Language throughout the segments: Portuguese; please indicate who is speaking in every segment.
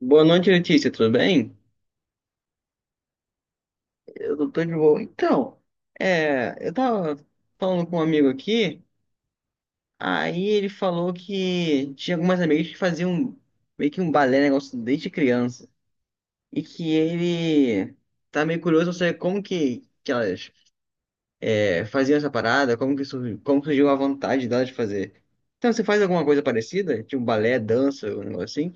Speaker 1: Boa noite, Letícia, tudo bem? Eu não tô de boa. Eu tava falando com um amigo aqui, aí ele falou que tinha algumas amigas que faziam meio que um balé, negócio desde criança, e que ele tá meio curioso pra saber como que elas faziam essa parada, como que surgiu, como surgiu a vontade delas de fazer. Então, você faz alguma coisa parecida? Tipo um balé, dança, um negócio assim?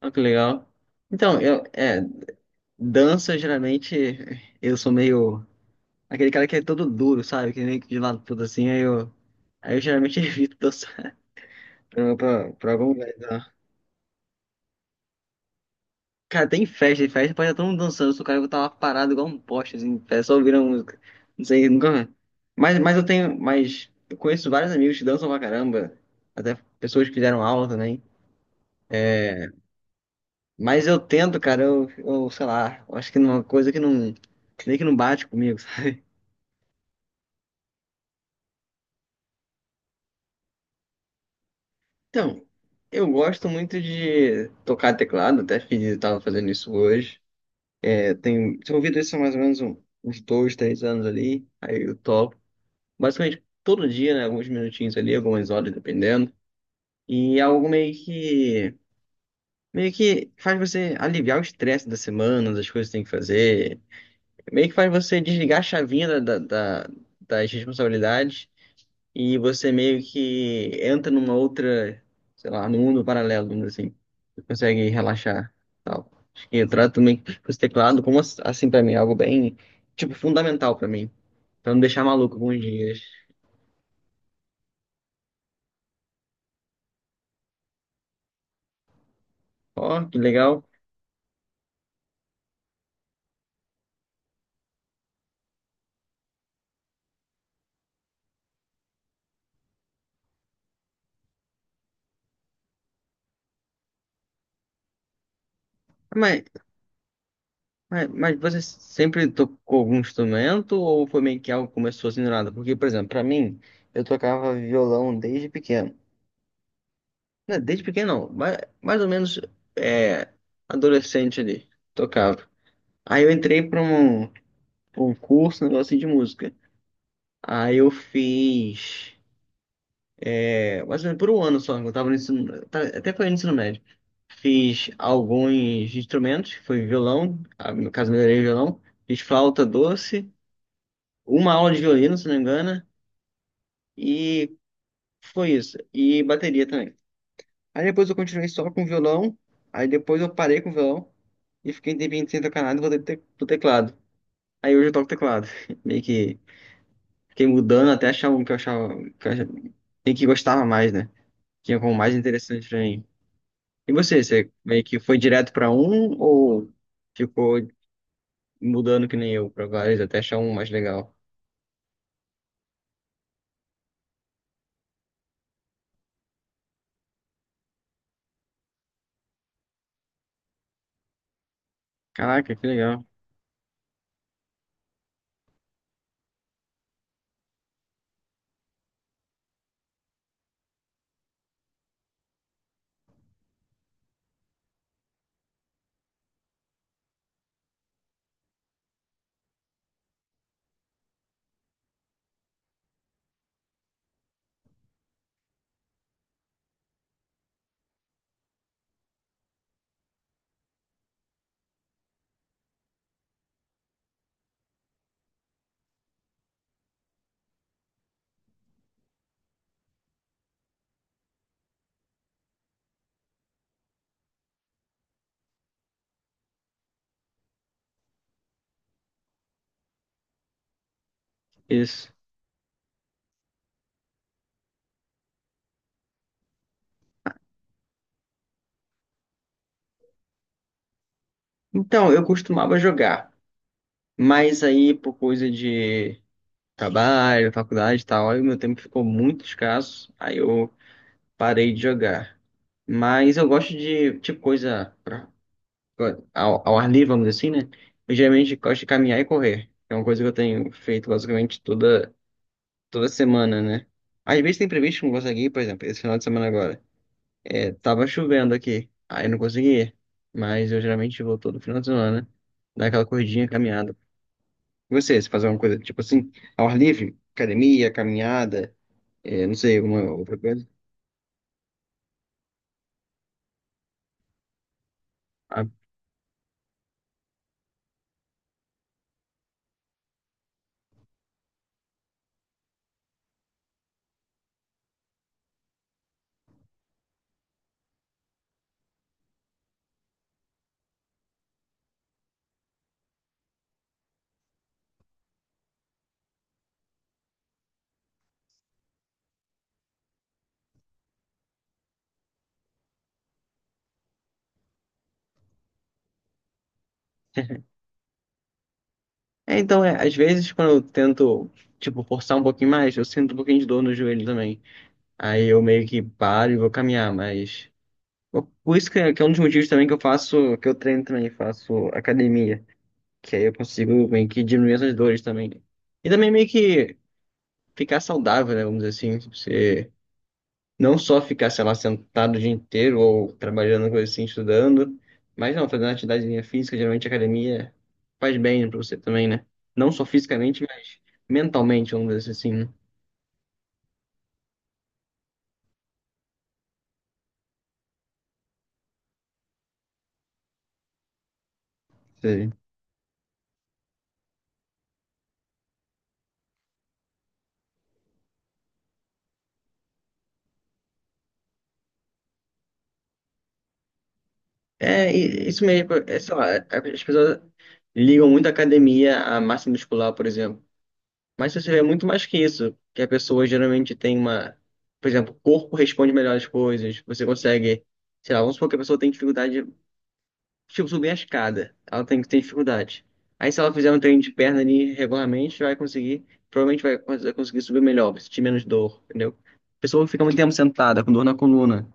Speaker 1: Ah, que legal. Então, eu, é, Dança geralmente eu sou meio. Aquele cara que é todo duro, sabe? Que nem de lado tudo assim, aí eu. Aí eu geralmente evito dançar pra algum lugar, tá? Cara, tem festa, em festa pode estar todo mundo dançando, se o cara eu tava parado igual um poste, assim, em pé, só ouvindo a música. Não sei, nunca. Mas eu tenho. Mas eu conheço vários amigos que dançam pra caramba. Até pessoas que fizeram aula também. Mas eu tento, cara, eu sei lá, eu acho que uma coisa que não. Que nem que não bate comigo, sabe? Então, eu gosto muito de tocar teclado, até fiz, tava fazendo isso hoje. Eu tenho desenvolvido isso há mais ou menos uns dois, três anos ali. Aí eu topo. Basicamente todo dia, né? Alguns minutinhos ali, algumas horas, dependendo. E é algo meio que. Meio que faz você aliviar o estresse da semana, das coisas que tem que fazer. Meio que faz você desligar a chavinha da- das responsabilidades e você meio que entra numa outra, sei lá, num mundo paralelo, vamos dizer assim. Você consegue relaxar, tal. Acho que eu trato também com esse teclado como assim. Pra mim, é algo bem, tipo, fundamental pra mim, pra não deixar maluco alguns dias. Ó, que legal. Mas, mas você sempre tocou algum instrumento ou foi meio que algo que começou assim do nada? Porque, por exemplo, pra mim, eu tocava violão desde pequeno. Não, desde pequeno não, mais ou menos é, adolescente ali, tocava. Aí eu entrei pra um curso, um negócio assim de música. Aí eu fiz, mais ou menos por um ano só. Eu tava no ensino, até foi no ensino médio. Fiz alguns instrumentos, foi violão, ah, no caso melhorei o violão, fiz flauta doce, uma aula de violino, se não me engano, e foi isso. E bateria também. Aí depois eu continuei só com violão, aí depois eu parei com o violão e fiquei um tempinho sem tocar nada e voltei pro teclado. Aí hoje eu toco teclado, meio que. Fiquei mudando até achar um que eu achava e que gostava mais, né? Tinha como mais interessante pra mim. E você, você meio que foi direto pra um ou ficou mudando que nem eu pra vários até achar um mais legal? Caraca, que legal. Isso. Então, eu costumava jogar, mas aí por coisa de trabalho, faculdade e tal, aí o meu tempo ficou muito escasso, aí eu parei de jogar. Mas eu gosto de, tipo, coisa pra ao ar livre, vamos dizer assim, né? Eu geralmente gosto de caminhar e correr. É uma coisa que eu tenho feito basicamente toda semana, né? Às vezes tem previsto que eu não consegui ir, por exemplo, esse final de semana agora. É, tava chovendo aqui, aí eu não consegui ir. Mas eu geralmente vou todo final de semana, dar aquela corridinha, caminhada. E você, se fazer uma coisa tipo assim, ao ar livre, academia, caminhada, é, não sei, alguma outra coisa. Ah, é, então, é, às vezes quando eu tento, tipo, forçar um pouquinho mais, eu sinto um pouquinho de dor no joelho também. Aí eu meio que paro e vou caminhar, mas. Por isso que é um dos motivos também que eu faço, que eu treino também, faço academia. Que aí eu consigo meio que diminuir essas dores também. E também meio que ficar saudável, né? Vamos dizer assim, tipo, você não só ficar, sei lá, sentado o dia inteiro ou trabalhando, coisa assim, estudando. Mas não, fazendo atividade física, geralmente academia faz bem pra você também, né? Não só fisicamente, mas mentalmente, vamos dizer assim, né? É, isso mesmo. É, sei lá, as pessoas ligam muito a academia à massa muscular, por exemplo. Mas você vê muito mais que isso, que a pessoa geralmente tem uma... Por exemplo, o corpo responde melhor às coisas. Você consegue... Sei lá, vamos supor que a pessoa tem dificuldade... Tipo, subir a escada. Ela tem, que ter dificuldade. Aí se ela fizer um treino de perna ali regularmente, vai conseguir... Provavelmente vai, vai conseguir subir melhor, vai sentir menos dor, entendeu? A pessoa fica muito tempo sentada, com dor na coluna.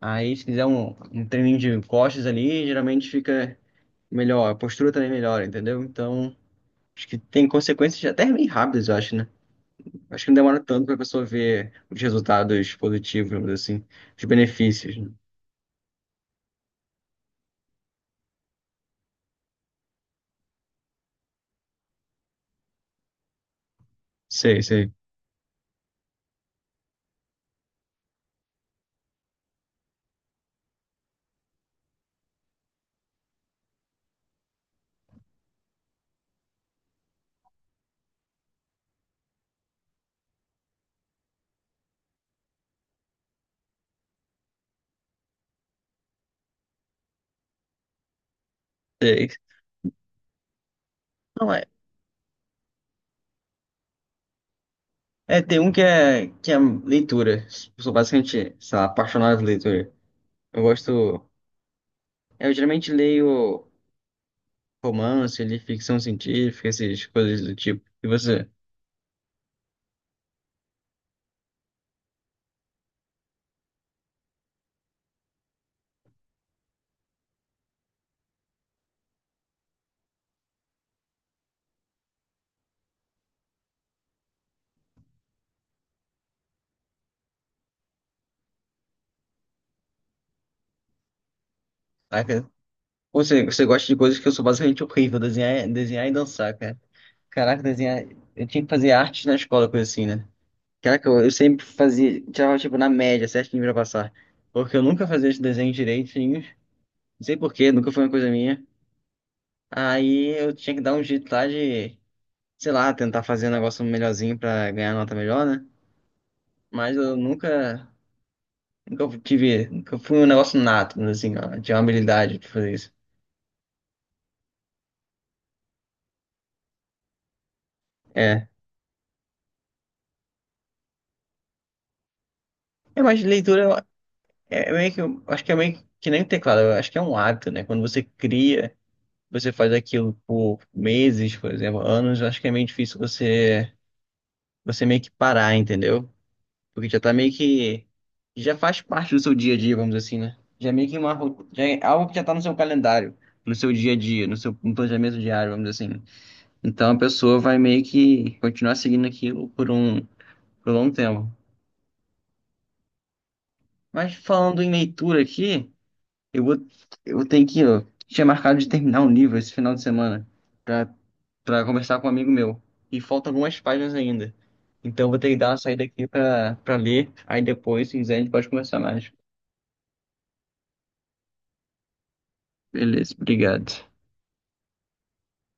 Speaker 1: Aí se fizer um treininho de costas ali, geralmente fica melhor, a postura também melhora, entendeu? Então, acho que tem consequências até bem rápidas, eu acho, né? Acho que não demora tanto para a pessoa ver os resultados positivos, vamos dizer assim, os benefícios, né? Sei, sei. Sei. Não, tem um que que é leitura. Sou basicamente, sei lá, apaixonado por leitura. Eu gosto. Eu geralmente leio romance, li ficção científica, essas coisas do tipo. E você? Saca? Você gosta de coisas que eu sou basicamente horrível, desenhar, desenhar e dançar, cara. Caraca, desenhar. Eu tinha que fazer arte na escola, coisa assim, né? Caraca, eu sempre fazia. Tirava, tipo, na média, certinho pra passar. Porque eu nunca fazia esse desenho direitinho. Não sei por quê, nunca foi uma coisa minha. Aí eu tinha que dar um jeito lá de, sei lá, tentar fazer um negócio melhorzinho pra ganhar nota melhor, né? Mas eu nunca. Nunca tive. Nunca fui um negócio nato, assim, ó. Tinha uma habilidade de fazer isso. É. É, mas é meio que. Eu acho que é meio que nem teclado. Eu acho que é um hábito, né? Quando você cria, você faz aquilo por meses, por exemplo, anos, eu acho que é meio difícil você meio que parar, entendeu? Porque já tá meio que já faz parte do seu dia a dia, vamos dizer assim, né? Já é meio que já é algo que já tá no seu calendário, no seu dia a dia, no planejamento diário, vamos dizer assim. Então a pessoa vai meio que continuar seguindo aquilo por um longo tempo. Mas falando em leitura aqui, eu vou eu tenho que, ó, tinha marcado de terminar um livro esse final de semana. Pra Para conversar com um amigo meu. E faltam algumas páginas ainda. Então vou ter que dar uma saída aqui para ler. Aí depois, se quiser, a gente pode conversar mais. Beleza, obrigado.